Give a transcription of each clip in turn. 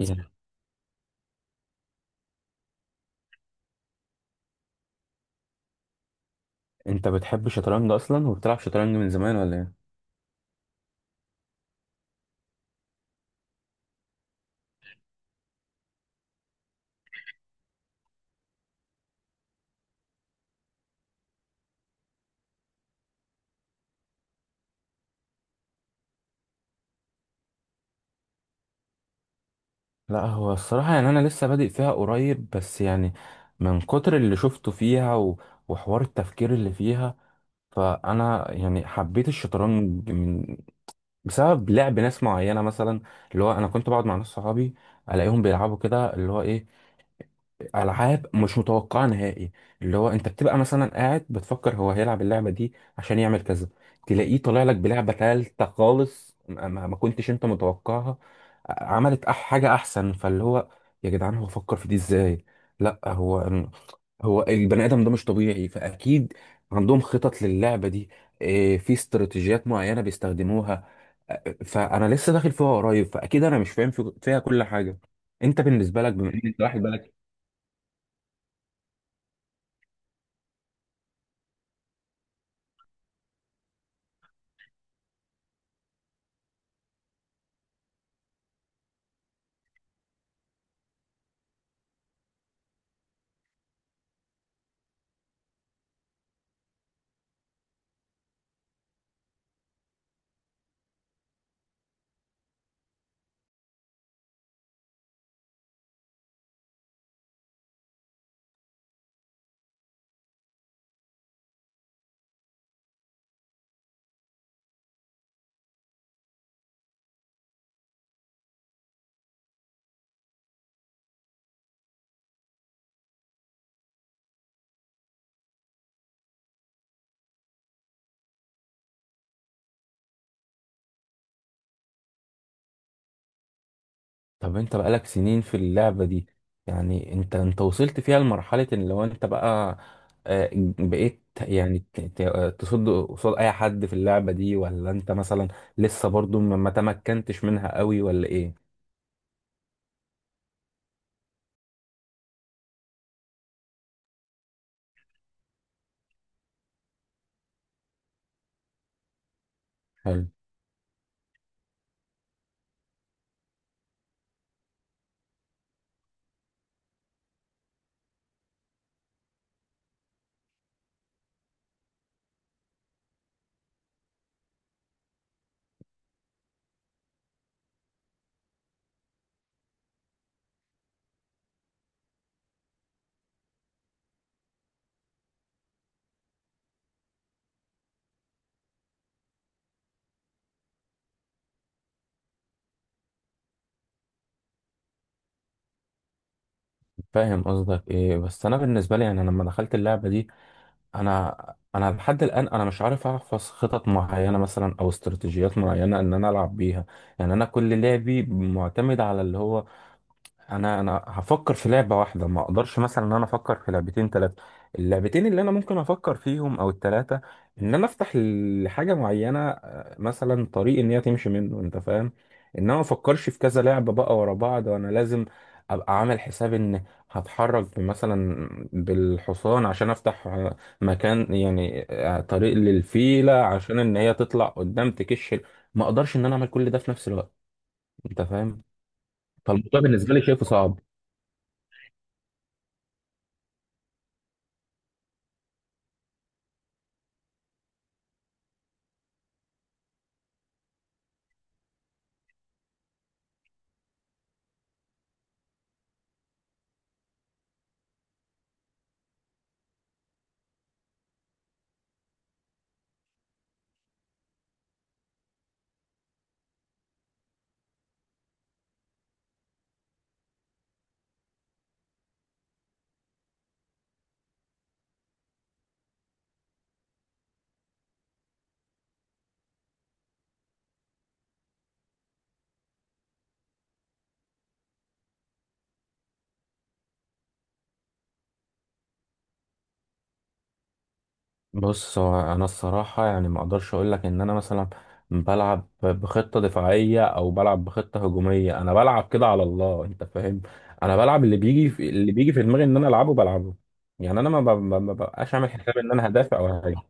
يعني انت بتحب الشطرنج اصلا وبتلعب شطرنج من زمان ولا ايه؟ لا هو الصراحه، يعني انا لسه بادئ فيها قريب، بس يعني من كتر اللي شفته فيها وحوار التفكير اللي فيها، فانا يعني حبيت الشطرنج من، بسبب لعب ناس معينه مثلا. اللي هو انا كنت بقعد مع ناس صحابي، الاقيهم بيلعبوا كده. اللي هو ايه، العاب مش متوقعه نهائي. اللي هو انت بتبقى مثلا قاعد بتفكر هو هيلعب اللعبه دي عشان يعمل كذا، تلاقيه طالع لك بلعبه ثالثه خالص ما كنتش انت متوقعها. عملت حاجه احسن، فاللي هو يا جدعان هو فكر في دي ازاي؟ لا، هو البني ادم ده مش طبيعي، فاكيد عندهم خطط للعبه دي. إيه، في استراتيجيات معينه بيستخدموها. فانا لسه داخل فيها قريب، فاكيد انا مش فاهم فيها كل حاجه. انت بالنسبه لك بما ان انت واحد بالك. طب انت بقالك سنين في اللعبة دي، يعني انت وصلت فيها لمرحلة ان لو انت بقى، آه، بقيت يعني تصد قصاد اي حد في اللعبة دي، ولا انت مثلا لسه برضو ما تمكنتش منها قوي ولا ايه؟ حلو. فاهم قصدك، ايه بس انا بالنسبة لي يعني أنا لما دخلت اللعبة دي، انا لحد الان انا مش عارف احفظ خطط معينة مثلا او استراتيجيات معينة ان انا العب بيها. يعني انا كل لعبي معتمد على اللي هو، انا هفكر في لعبه واحده. ما اقدرش مثلا ان انا افكر في لعبتين ثلاثه، اللعبتين اللي انا ممكن افكر فيهم او الثلاثه، ان انا افتح لحاجه معينه، آه، مثلا طريق ان هي تمشي منه، انت فاهم. ان انا ما افكرش في كذا لعبه بقى ورا بعض، وانا لازم ابقى عامل حساب ان هتحرك مثلا بالحصان عشان افتح، آه، مكان، يعني آه، طريق للفيله عشان ان هي تطلع قدام تكش. ما اقدرش ان انا اعمل كل ده في نفس الوقت، انت فاهم. فالموضوع بالنسبه لي شايفه صعب. بص، هو انا الصراحه يعني ما اقدرش اقول لك ان انا مثلا بلعب بخطه دفاعيه او بلعب بخطه هجوميه. انا بلعب كده على الله، انت فاهم. انا بلعب اللي بيجي اللي بيجي في دماغي، ان انا العبه بلعبه. يعني انا ما ب- ما- ما ببقاش عامل حساب ان انا هدافع او هاجم.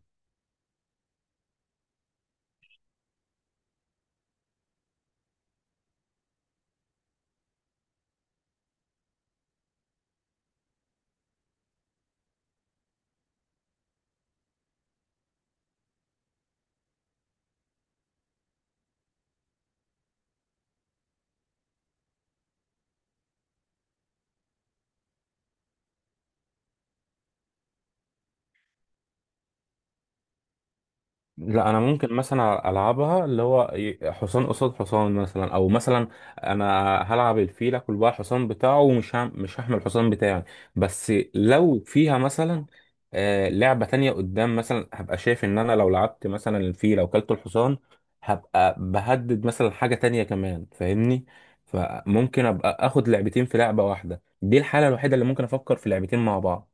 لا، انا ممكن مثلا العبها اللي هو حصان قصاد حصان مثلا، او مثلا انا هلعب الفيل، اكل بقى الحصان بتاعه، ومش مش هحمل الحصان بتاعي. بس لو فيها مثلا، آه، لعبة تانية قدام مثلا، هبقى شايف ان انا لو لعبت مثلا الفيل او كلت الحصان هبقى بهدد مثلا حاجة تانية كمان، فاهمني. فممكن ابقى اخد لعبتين في لعبة واحدة، دي الحالة الوحيدة اللي ممكن افكر في لعبتين مع بعض.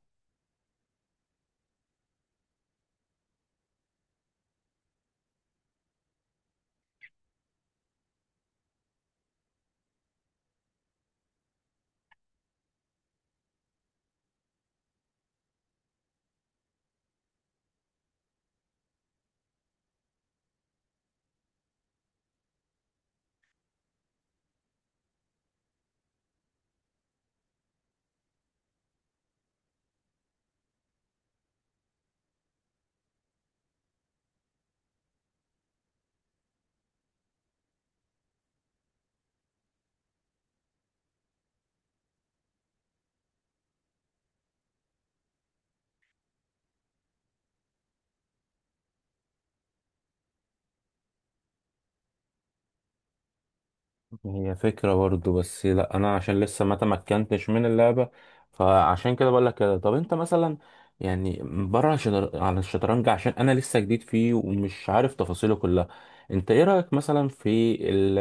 هي فكرة برضو، بس لا انا عشان لسه ما تمكنتش من اللعبة، فعشان كده بقول لك كده. طب انت مثلا، يعني بره عن الشطرنج، عشان انا لسه جديد فيه ومش عارف تفاصيله كلها، انت ايه رأيك مثلا في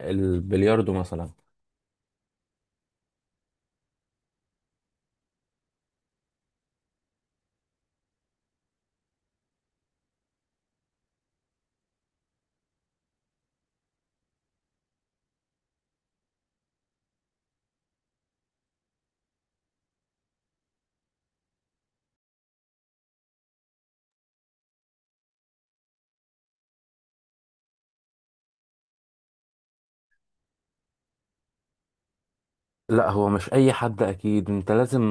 البلياردو مثلا؟ لا هو مش اي حد، اكيد انت لازم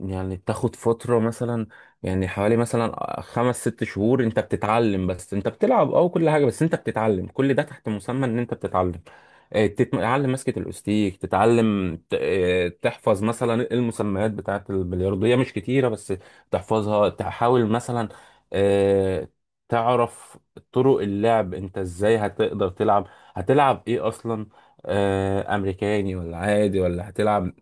يعني تاخد فترة مثلا، يعني حوالي مثلا خمس ست شهور انت بتتعلم. بس انت بتلعب او كل حاجة، بس انت بتتعلم كل ده تحت مسمى ان انت بتتعلم. آه، تتعلم مسكة الاوستيك، تتعلم آه، تحفظ مثلا المسميات بتاعة البلياردو، هي مش كتيرة بس تحفظها، تحاول مثلا آه، تعرف طرق اللعب، انت ازاي هتقدر تلعب، هتلعب ايه اصلا، آه، امريكاني ولا عادي ولا هتلعب.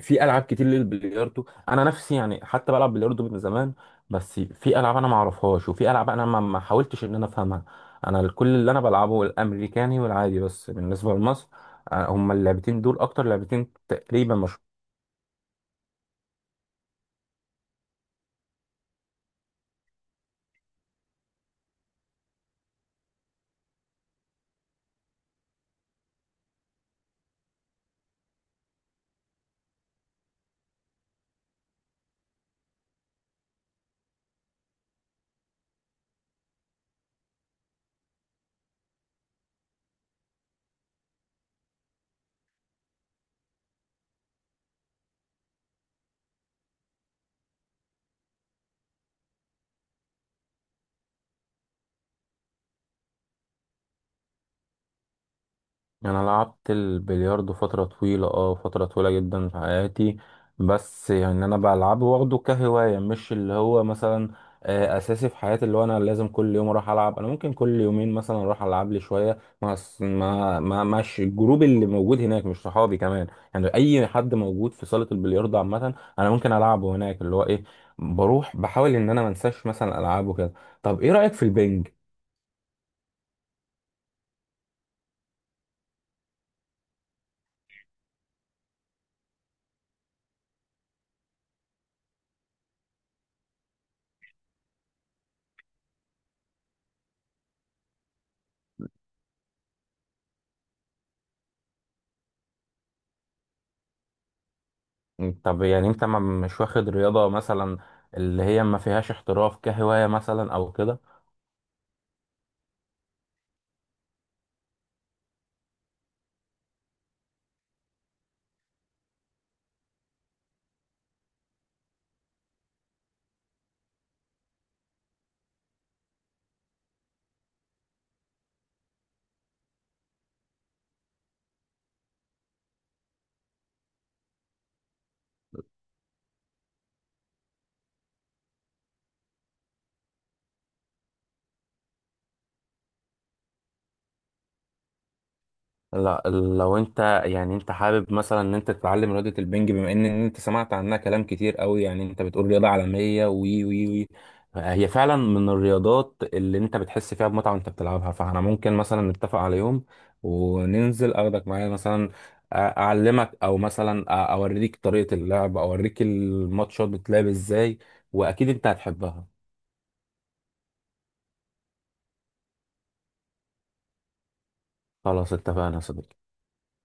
في العاب كتير للبلياردو، انا نفسي يعني حتى بلعب بلياردو من زمان، بس في العاب انا ما اعرفهاش، وفي العاب انا ما حاولتش ان انا افهمها. انا كل اللي انا بلعبه الامريكاني والعادي، بس بالنسبه لمصر آه، هما اللعبتين دول اكتر لعبتين تقريبا. انا لعبت البلياردو فتره طويله، اه فتره طويله جدا في حياتي. بس يعني انا بلعبه واخده كهوايه، مش اللي هو مثلا آه، اساسي في حياتي اللي هو انا لازم كل يوم اروح العب. انا ممكن كل يومين مثلا اروح العب لي شويه مع الجروب اللي موجود هناك، مش صحابي كمان، يعني اي حد موجود في صاله البلياردو عامه انا ممكن العبه هناك. اللي هو ايه، بروح بحاول ان انا ما انساش مثلا العابه كده. طب ايه رايك في البنج؟ طب يعني انت ما مش واخد رياضة مثلا اللي هي ما فيهاش احتراف كهواية مثلا او كده؟ لا لو انت يعني انت حابب مثلا ان انت تتعلم رياضة البنج، بما ان ان انت سمعت عنها كلام كتير قوي، يعني انت بتقول رياضة عالمية وي وي وي، هي فعلا من الرياضات اللي انت بتحس فيها بمتعة وانت بتلعبها. فاحنا ممكن مثلا نتفق على يوم وننزل، اخدك معايا مثلا، اعلمك او مثلا اوريك طريقة اللعب، اوريك الماتشات بتلعب ازاي، واكيد انت هتحبها. خلاص اتفقنا يا صديقي.